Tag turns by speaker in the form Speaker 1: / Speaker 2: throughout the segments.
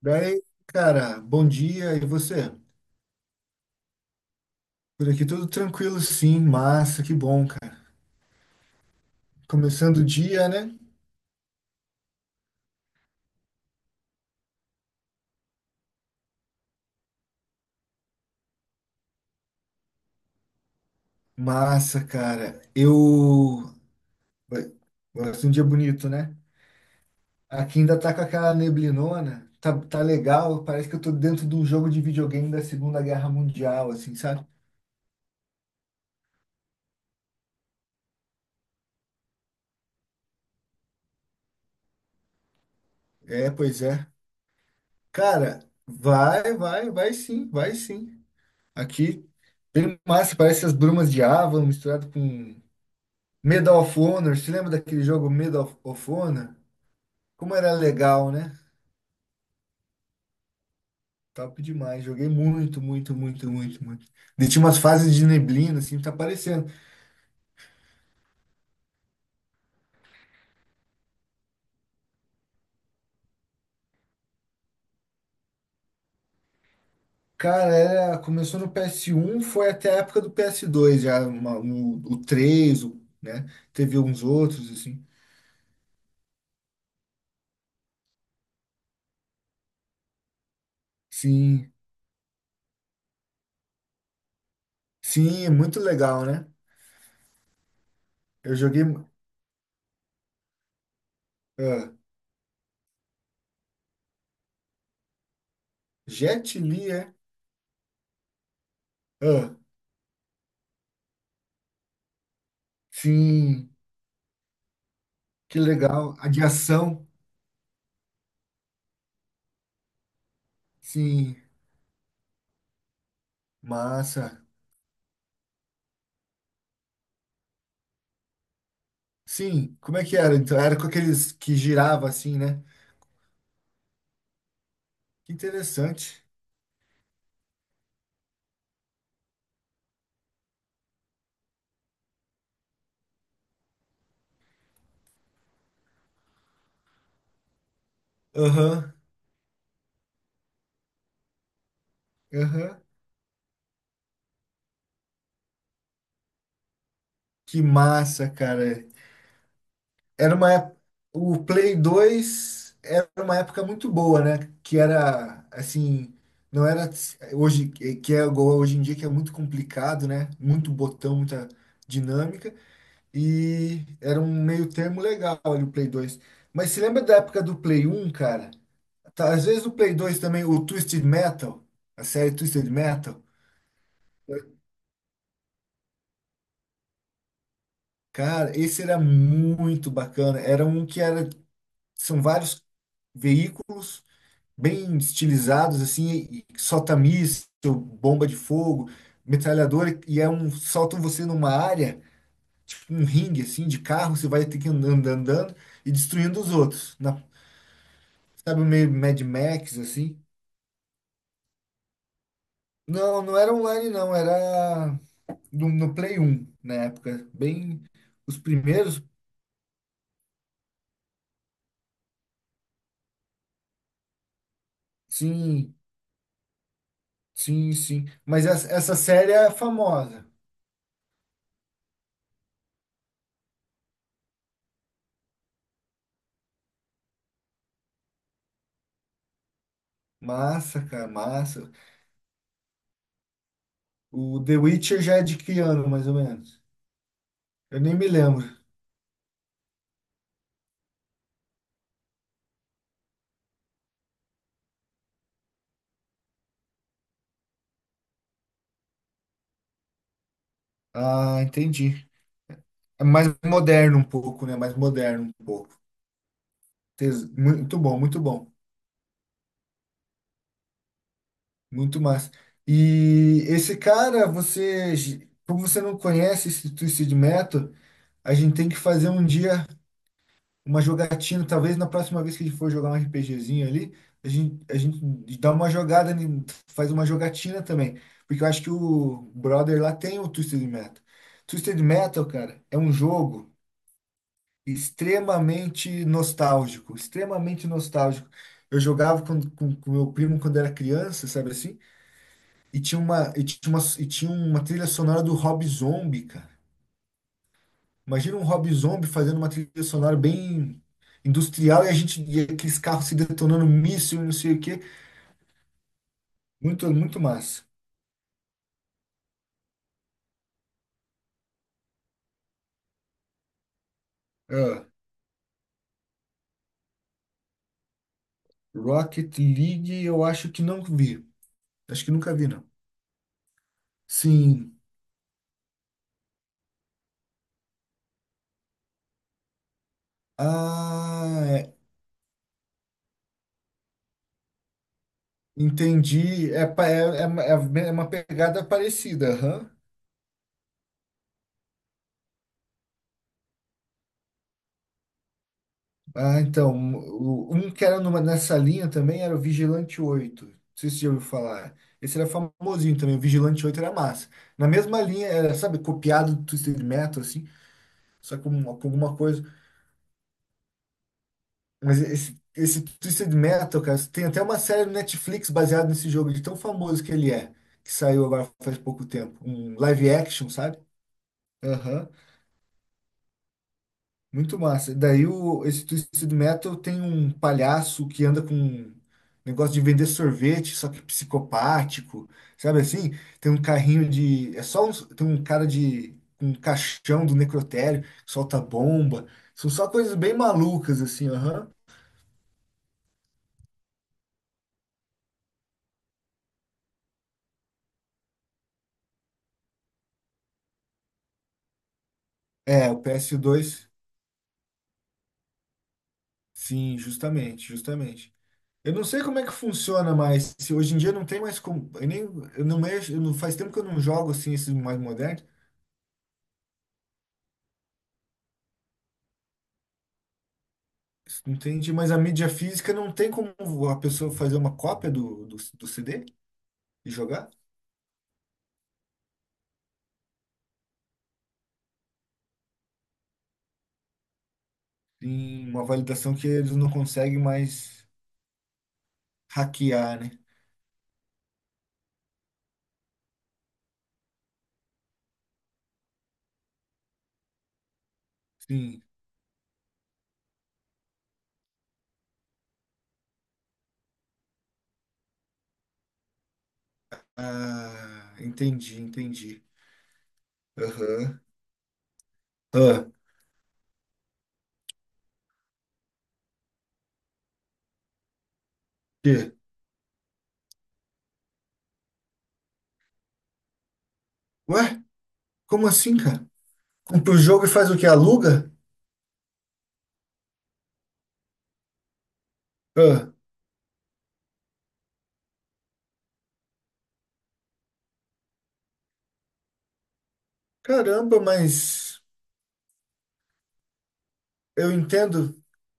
Speaker 1: Daí, cara, bom dia, e você? Por aqui tudo tranquilo, sim, massa, que bom, cara. Começando o dia, né? Massa, cara. Eu. Vai vai ser um dia bonito, né? Aqui ainda tá com aquela neblinona, tá legal, parece que eu tô dentro de um jogo de videogame da Segunda Guerra Mundial, assim, sabe? É, pois é. Cara, vai sim, vai sim. Aqui, bem massa, parece as brumas de Ava misturado com Medal of Honor, você lembra daquele jogo Medal of Honor? Como era legal, né? Top demais. Joguei muito, muito, muito, muito, muito. E tinha umas fases de neblina, assim, tá aparecendo. Cara, começou no PS1, foi até a época do PS2, já, o 3, né? Teve uns outros, assim. Sim, sim, é muito legal, né? Eu joguei. Ah, Jet Li, é? Ah, sim, que legal. A de ação, sim, massa. Sim, como é que era? Então, era com aqueles que girava assim, né? Que interessante. Aham, aham. Que massa, cara. Era uma época. O Play 2 era uma época muito boa, né? Que era, assim, não era hoje, que é igual hoje em dia, que é muito complicado, né? Muito botão, muita dinâmica. E era um meio termo legal ali o Play 2. Mas você lembra da época do Play um, cara? Tá, às vezes no Play 2 também, o Twisted Metal, a série Twisted Metal, cara, esse era muito bacana. Era um que era, são vários veículos bem estilizados, assim, e solta-míssil, bomba de fogo, metralhadora, e é um, soltam você numa área, tipo um ringue, assim, de carro, você vai ter que ir andando, andando e destruindo os outros. Na, sabe, meio Mad Max, assim. Não, não era online, não, era. No Play um na época. Bem, os primeiros. Sim, sim, sim. Mas essa série é famosa. Massa, cara, massa. O The Witcher já é de que ano, mais ou menos? Eu nem me lembro. Ah, entendi. É mais moderno um pouco, né? Mais moderno um pouco. Muito bom, muito bom. Muito massa. E esse cara, você, como você não conhece esse Twisted Metal, a gente tem que fazer um dia uma jogatina, talvez na próxima vez que a gente for jogar um RPGzinho ali, a gente dá uma jogada, faz uma jogatina também. Porque eu acho que o brother lá tem o Twisted Metal. Twisted Metal, cara, é um jogo extremamente nostálgico, extremamente nostálgico. Eu jogava com meu primo quando era criança, sabe assim? E tinha uma, e tinha uma, e tinha uma trilha sonora do Rob Zombie, cara. Imagina um Rob Zombie fazendo uma trilha sonora bem industrial e a gente e aqueles carros se detonando míssil, e não sei o quê. Muito, muito massa. Ah, Rocket League, eu acho que não vi. Acho que nunca vi, não. Sim. Ah, é, entendi. É, uma pegada parecida, aham. Ah, então, um que era nessa linha também era o Vigilante Oito, não sei se você já ouviu falar. Esse era famosinho também, o Vigilante Oito era massa. Na mesma linha, era, sabe, copiado do Twisted Metal, assim, só com alguma coisa. Mas esse Twisted Metal, cara, tem até uma série no Netflix baseada nesse jogo, de tão famoso que ele é, que saiu agora faz pouco tempo. Um live action, sabe? Aham. Muito massa. Daí esse Twisted Metal tem um palhaço que anda com um negócio de vender sorvete, só que psicopático, sabe assim? Tem um carrinho de. É só um, tem um cara de. Com um caixão do necrotério, solta bomba. São só coisas bem malucas, assim, aham. É, o PS2, sim, justamente, justamente. Eu não sei como é que funciona mais. Se hoje em dia não tem mais como. Eu nem, eu não mexo, eu não, faz tempo que eu não jogo assim esses mais. Entendi, mas a mídia física não tem como a pessoa fazer uma cópia do CD e jogar? Tem uma validação que eles não conseguem mais hackear, né? Sim. Ah, entendi, entendi. Aham. Ah, quê? Ué? Como assim, cara? Compra o jogo e faz o que? Aluga? Ah, caramba, mas eu entendo.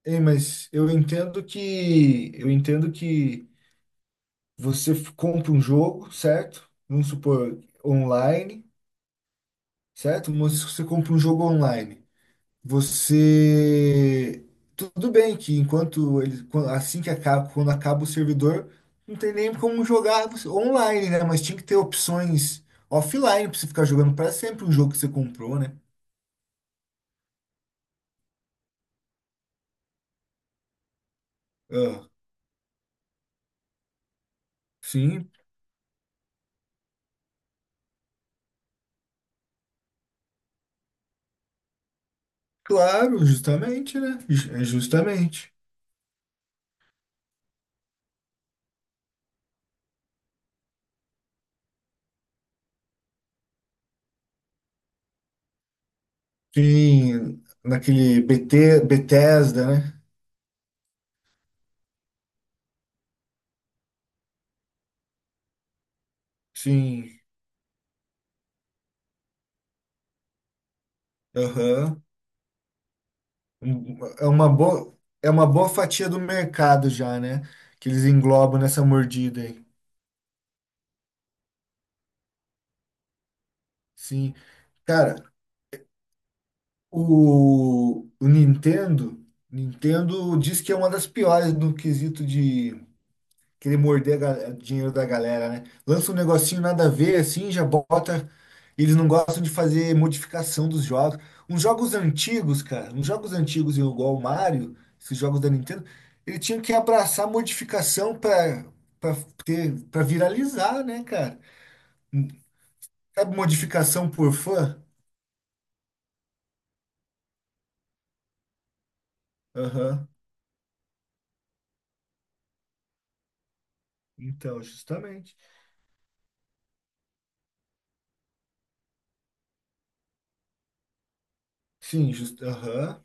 Speaker 1: Ei, mas eu entendo que. Eu entendo que. Você compra um jogo, certo? Vamos supor, online, certo? Mas você compra um jogo online. Você. Tudo bem que enquanto ele. Assim que acaba, quando acaba o servidor, não tem nem como jogar online, né? Mas tinha que ter opções offline pra você ficar jogando pra sempre um jogo que você comprou, né? Ah, sim, claro, justamente, né? Justamente. Sim, naquele BT, Bethesda, né? Sim. Aham. É uma boa, é uma boa fatia do mercado já, né? Que eles englobam nessa mordida aí. Sim. Cara, o Nintendo, diz que é uma das piores no quesito de querer morder a ga- dinheiro da galera, né? Lança um negocinho nada a ver, assim, já bota. Eles não gostam de fazer modificação dos jogos. Uns jogos antigos, cara, uns jogos antigos igual o Mario, esses jogos da Nintendo, ele tinha que abraçar a modificação pra ter, pra viralizar, né, cara? Sabe modificação por fã? Aham. Então, justamente. Sim, aham.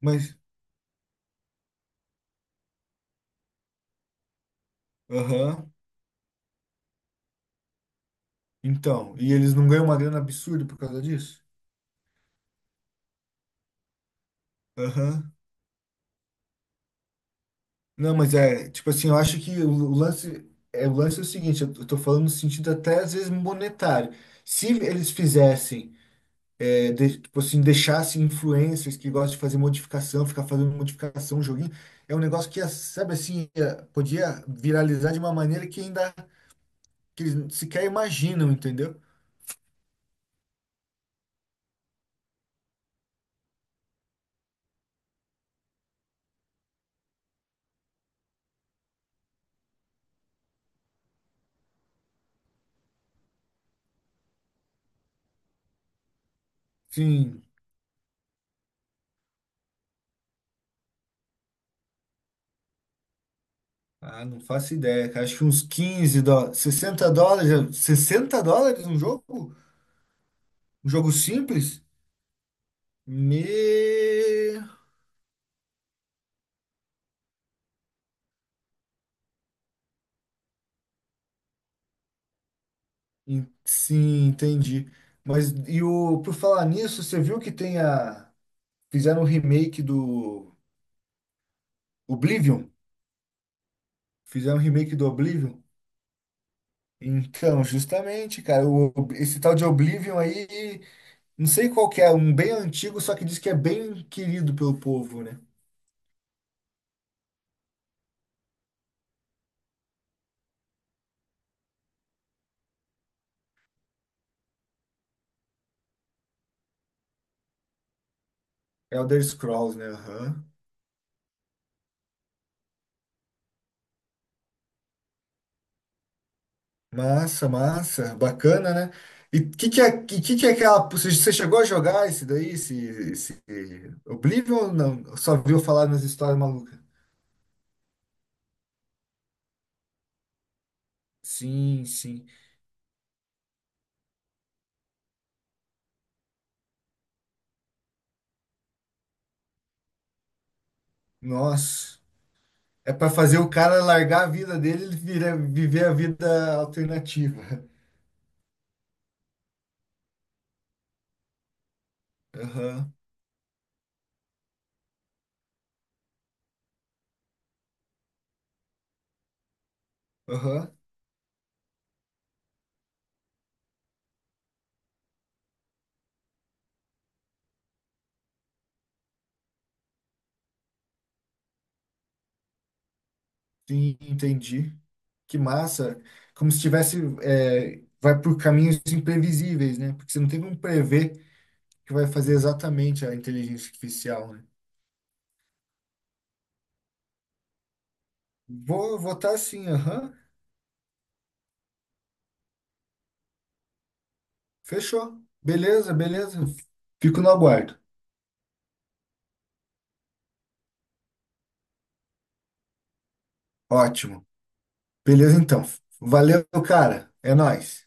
Speaker 1: Mas, aham. Então, e eles não ganham uma grana absurda por causa disso? Aham. Não, mas é, tipo assim, eu acho que o lance é, o seguinte, eu tô falando no sentido até às vezes monetário. Se eles fizessem, tipo assim, deixassem influencers que gostam de fazer modificação, ficar fazendo modificação, joguinho, é um negócio que, ia, sabe assim, podia viralizar de uma maneira que ainda que eles sequer imaginam, entendeu? Sim. Ah, não faço ideia, cara. Acho que uns 15 dólares, 60 dólares, 60 dólares um jogo? Um jogo simples? Me. Sim, entendi. Mas e o por falar nisso, você viu que tem a fizeram um remake do Oblivion? Fizeram um remake do Oblivion? Então, justamente, cara, esse tal de Oblivion aí, não sei qual que é, um bem antigo, só que diz que é bem querido pelo povo, né? É Elder Scrolls, né? Aham. Massa, massa, bacana, né? E o que que é, que é aquela, você chegou a jogar esse daí, esse Oblivion ou não? Só viu falar nas histórias malucas? Sim, sim. Nossa. É para fazer o cara largar a vida dele e viver a vida alternativa. Aham, aham. Sim, entendi. Que massa. Como se tivesse, vai por caminhos imprevisíveis, né? Porque você não tem como prever o que vai fazer exatamente a inteligência artificial, né? Vou votar sim, aham. Fechou. Beleza, beleza. Fico no aguardo. Ótimo. Beleza, então. Valeu, cara. É nóis.